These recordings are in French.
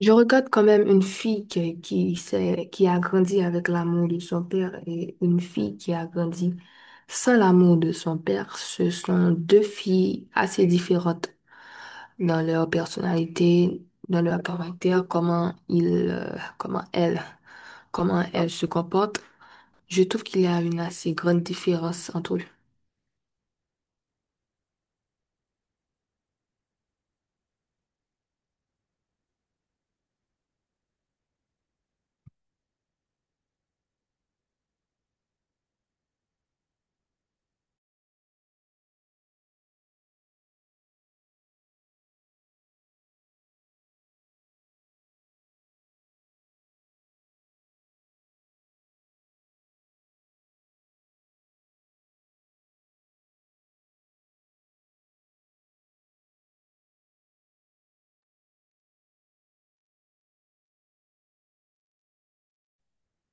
Je regarde quand même une fille qui qui a grandi avec l'amour de son père et une fille qui a grandi sans l'amour de son père. Ce sont deux filles assez différentes dans leur personnalité, dans leur caractère, comment elles, comment elles se comportent. Je trouve qu'il y a une assez grande différence entre eux.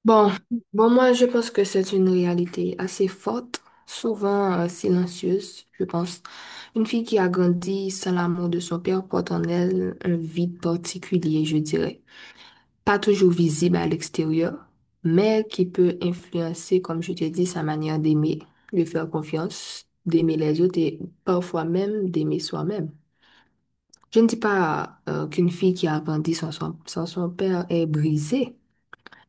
Bon, bon, moi, je pense que c'est une réalité assez forte, souvent silencieuse, je pense. Une fille qui a grandi sans l'amour de son père porte en elle un vide particulier, je dirais. Pas toujours visible à l'extérieur, mais qui peut influencer, comme je t'ai dit, sa manière d'aimer, de faire confiance, d'aimer les autres et parfois même d'aimer soi-même. Je ne dis pas qu'une fille qui a grandi sans son père est brisée.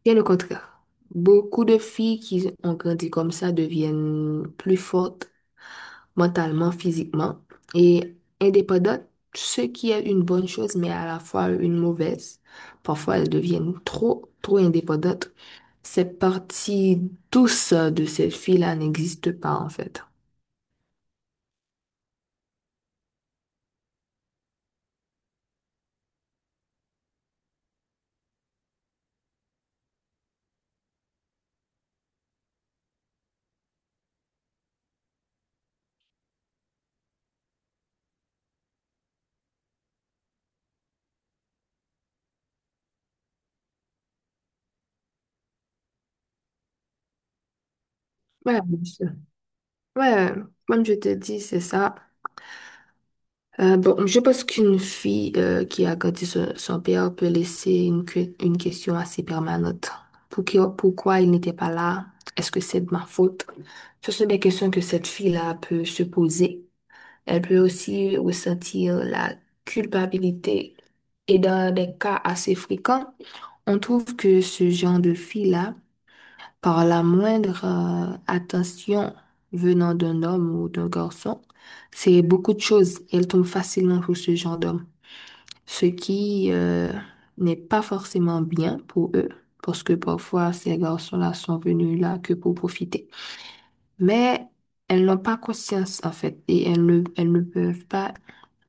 Bien le contraire. Beaucoup de filles qui ont grandi comme ça deviennent plus fortes mentalement, physiquement et indépendantes, ce qui est une bonne chose, mais à la fois une mauvaise. Parfois, elles deviennent trop indépendantes. Cette partie douce de cette fille-là n'existe pas, en fait. Ouais, bien sûr. Ouais, comme je te dis, c'est ça. Bon, je pense qu'une fille qui a grandi sur son père peut laisser une question assez permanente. Pourquoi il n'était pas là? Est-ce que c'est de ma faute? Ce sont des questions que cette fille-là peut se poser. Elle peut aussi ressentir la culpabilité. Et dans des cas assez fréquents, on trouve que ce genre de fille-là par la moindre attention venant d'un homme ou d'un garçon, c'est beaucoup de choses. Elle tombe facilement pour ce genre d'homme, ce qui n'est pas forcément bien pour eux, parce que parfois ces garçons-là sont venus là que pour profiter. Mais elles n'ont pas conscience en fait, elles ne peuvent pas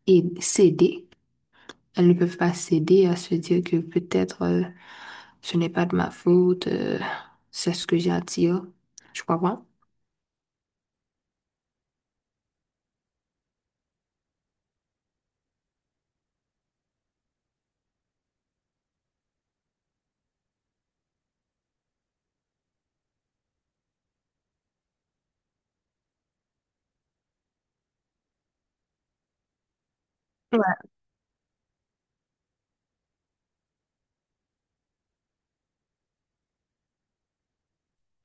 céder. Elles ne peuvent pas céder à se dire que peut-être ce n'est pas de ma faute, c'est ce que j'attire. Je crois pas.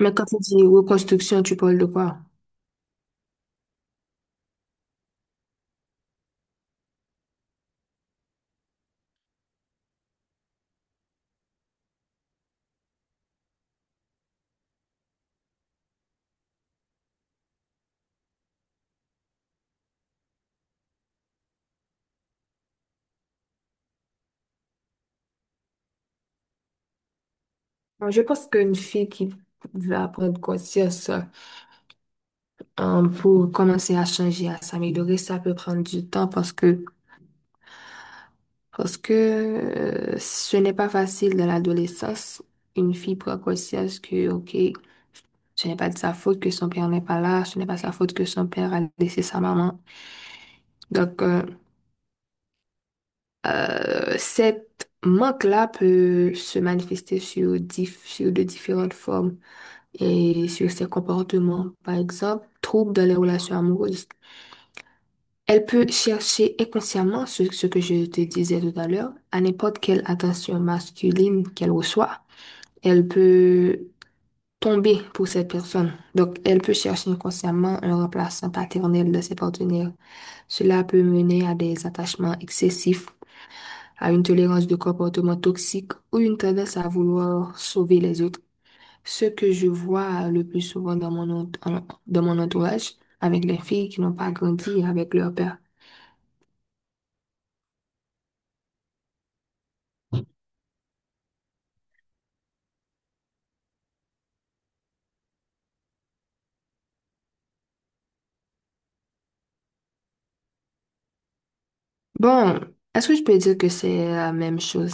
Mais quand tu dis reconstruction, tu parles de quoi? Je pense qu'une fille qui va prendre conscience pour commencer à changer, à s'améliorer, ça peut prendre du temps parce que ce n'est pas facile dans l'adolescence. Une fille prend conscience que, OK, ce n'est pas de sa faute que son père n'est pas là, ce n'est pas sa faute que son père a laissé sa maman. Donc, cette manque-là peut se manifester sur de différentes formes, et sur ses comportements. Par exemple, trouble dans les relations amoureuses. Elle peut chercher inconsciemment ce que je te disais tout à l'heure, à n'importe quelle attention masculine qu'elle reçoit. Elle peut tomber pour cette personne. Donc, elle peut chercher inconsciemment un remplaçant paternel de ses partenaires. Cela peut mener à des attachements excessifs, à une tolérance de comportements toxiques ou une tendance à vouloir sauver les autres. Ce que je vois le plus souvent dans dans mon entourage, avec les filles qui n'ont pas grandi avec leur père. Bon, est-ce que je peux dire que c'est la même chose?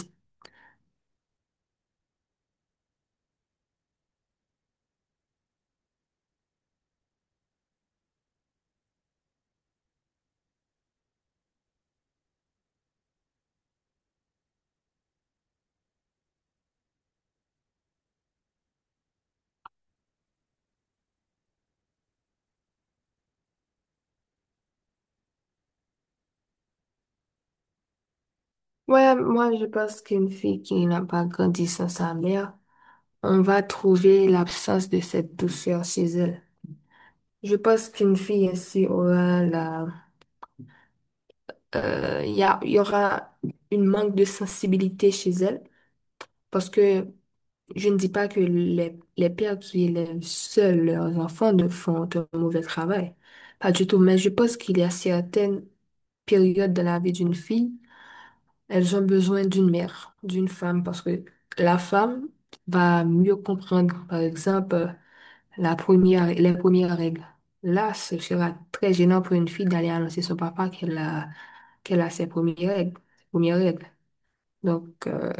Ouais, moi je pense qu'une fille qui n'a pas grandi sans sa mère, on va trouver l'absence de cette douceur chez elle. Je pense qu'une fille ainsi aura la, il y a- il y aura une manque de sensibilité chez elle parce que je ne dis pas que les pères qui élèvent seuls leurs enfants ne font un mauvais travail. Pas du tout, mais je pense qu'il y a certaines périodes dans la vie d'une fille, elles ont besoin d'une mère, d'une femme, parce que la femme va mieux comprendre, par exemple, les premières règles. Là, ce sera très gênant pour une fille d'aller annoncer son papa qu'elle a ses premières règles. Donc,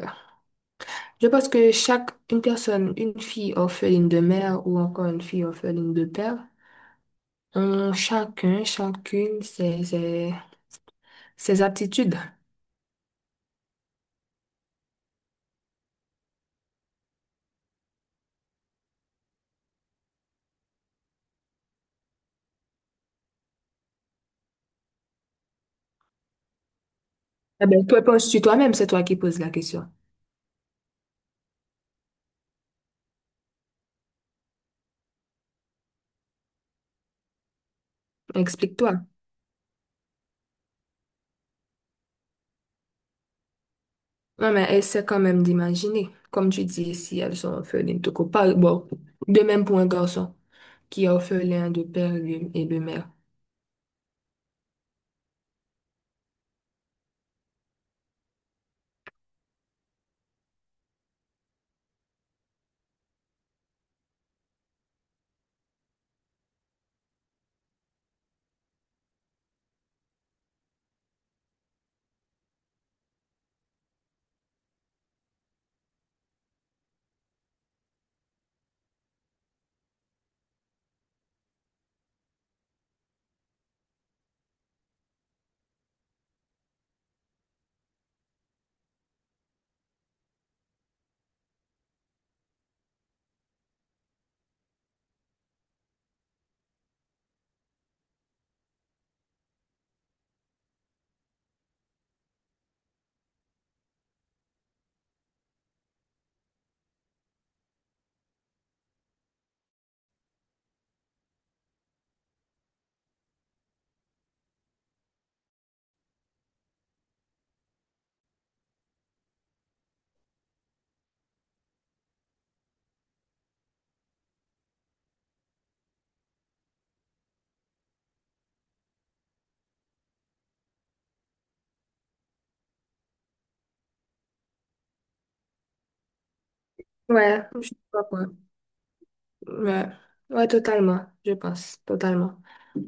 je pense que chaque une personne, une fille orpheline de mère ou encore une fille orpheline de père, ont chacune ses aptitudes. Eh ben, toi, penses-tu toi-même, c'est toi qui poses la question. Explique-toi. Non, mais essaie quand même d'imaginer. Comme tu dis, si elles sont orphelines, de court. Bon, de même pour un garçon qui est orphelin de père lui, et de mère. Ouais, je sais pas quoi. Ouais, ouais, totalement, je pense, totalement.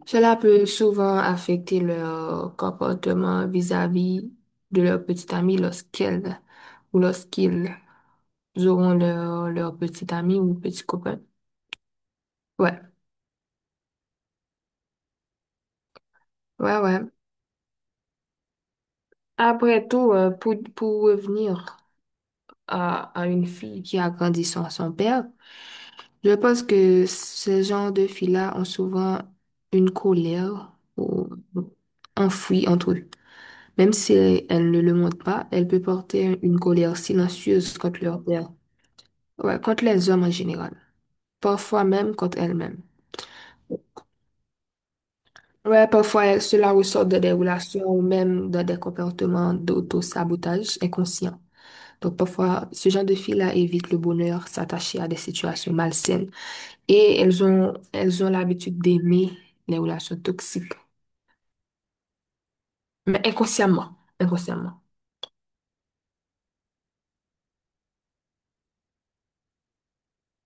Cela peut souvent affecter leur comportement vis-à-vis de leur petite amie lorsqu'elles ou lorsqu'ils auront leur petite amie ou petit copain. Ouais, ouais, ouais. Après tout, pour revenir à une fille qui a grandi sans son père, je pense que ce genre de filles-là ont souvent une colère ou enfouie entre eux. Même si elles ne le montrent pas, elles peuvent porter une colère silencieuse contre leur père. Ouais, contre les hommes en général. Parfois même contre elles-mêmes. Ouais, parfois elles- cela ressort de des relations ou même de des comportements d'auto-sabotage inconscient. Donc parfois, ce genre de filles-là évitent le bonheur, s'attacher à des situations malsaines et elles ont l'habitude d'aimer les relations toxiques, mais inconsciemment.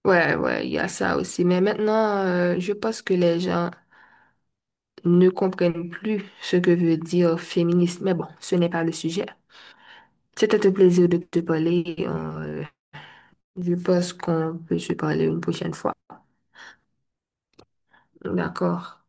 Ouais, ouais, il y a ça aussi. Mais maintenant, je pense que les gens ne comprennent plus ce que veut dire féministe. Mais bon, ce n'est pas le sujet. C'était un plaisir de te parler. Je pense qu'on peut se parler une prochaine fois. D'accord.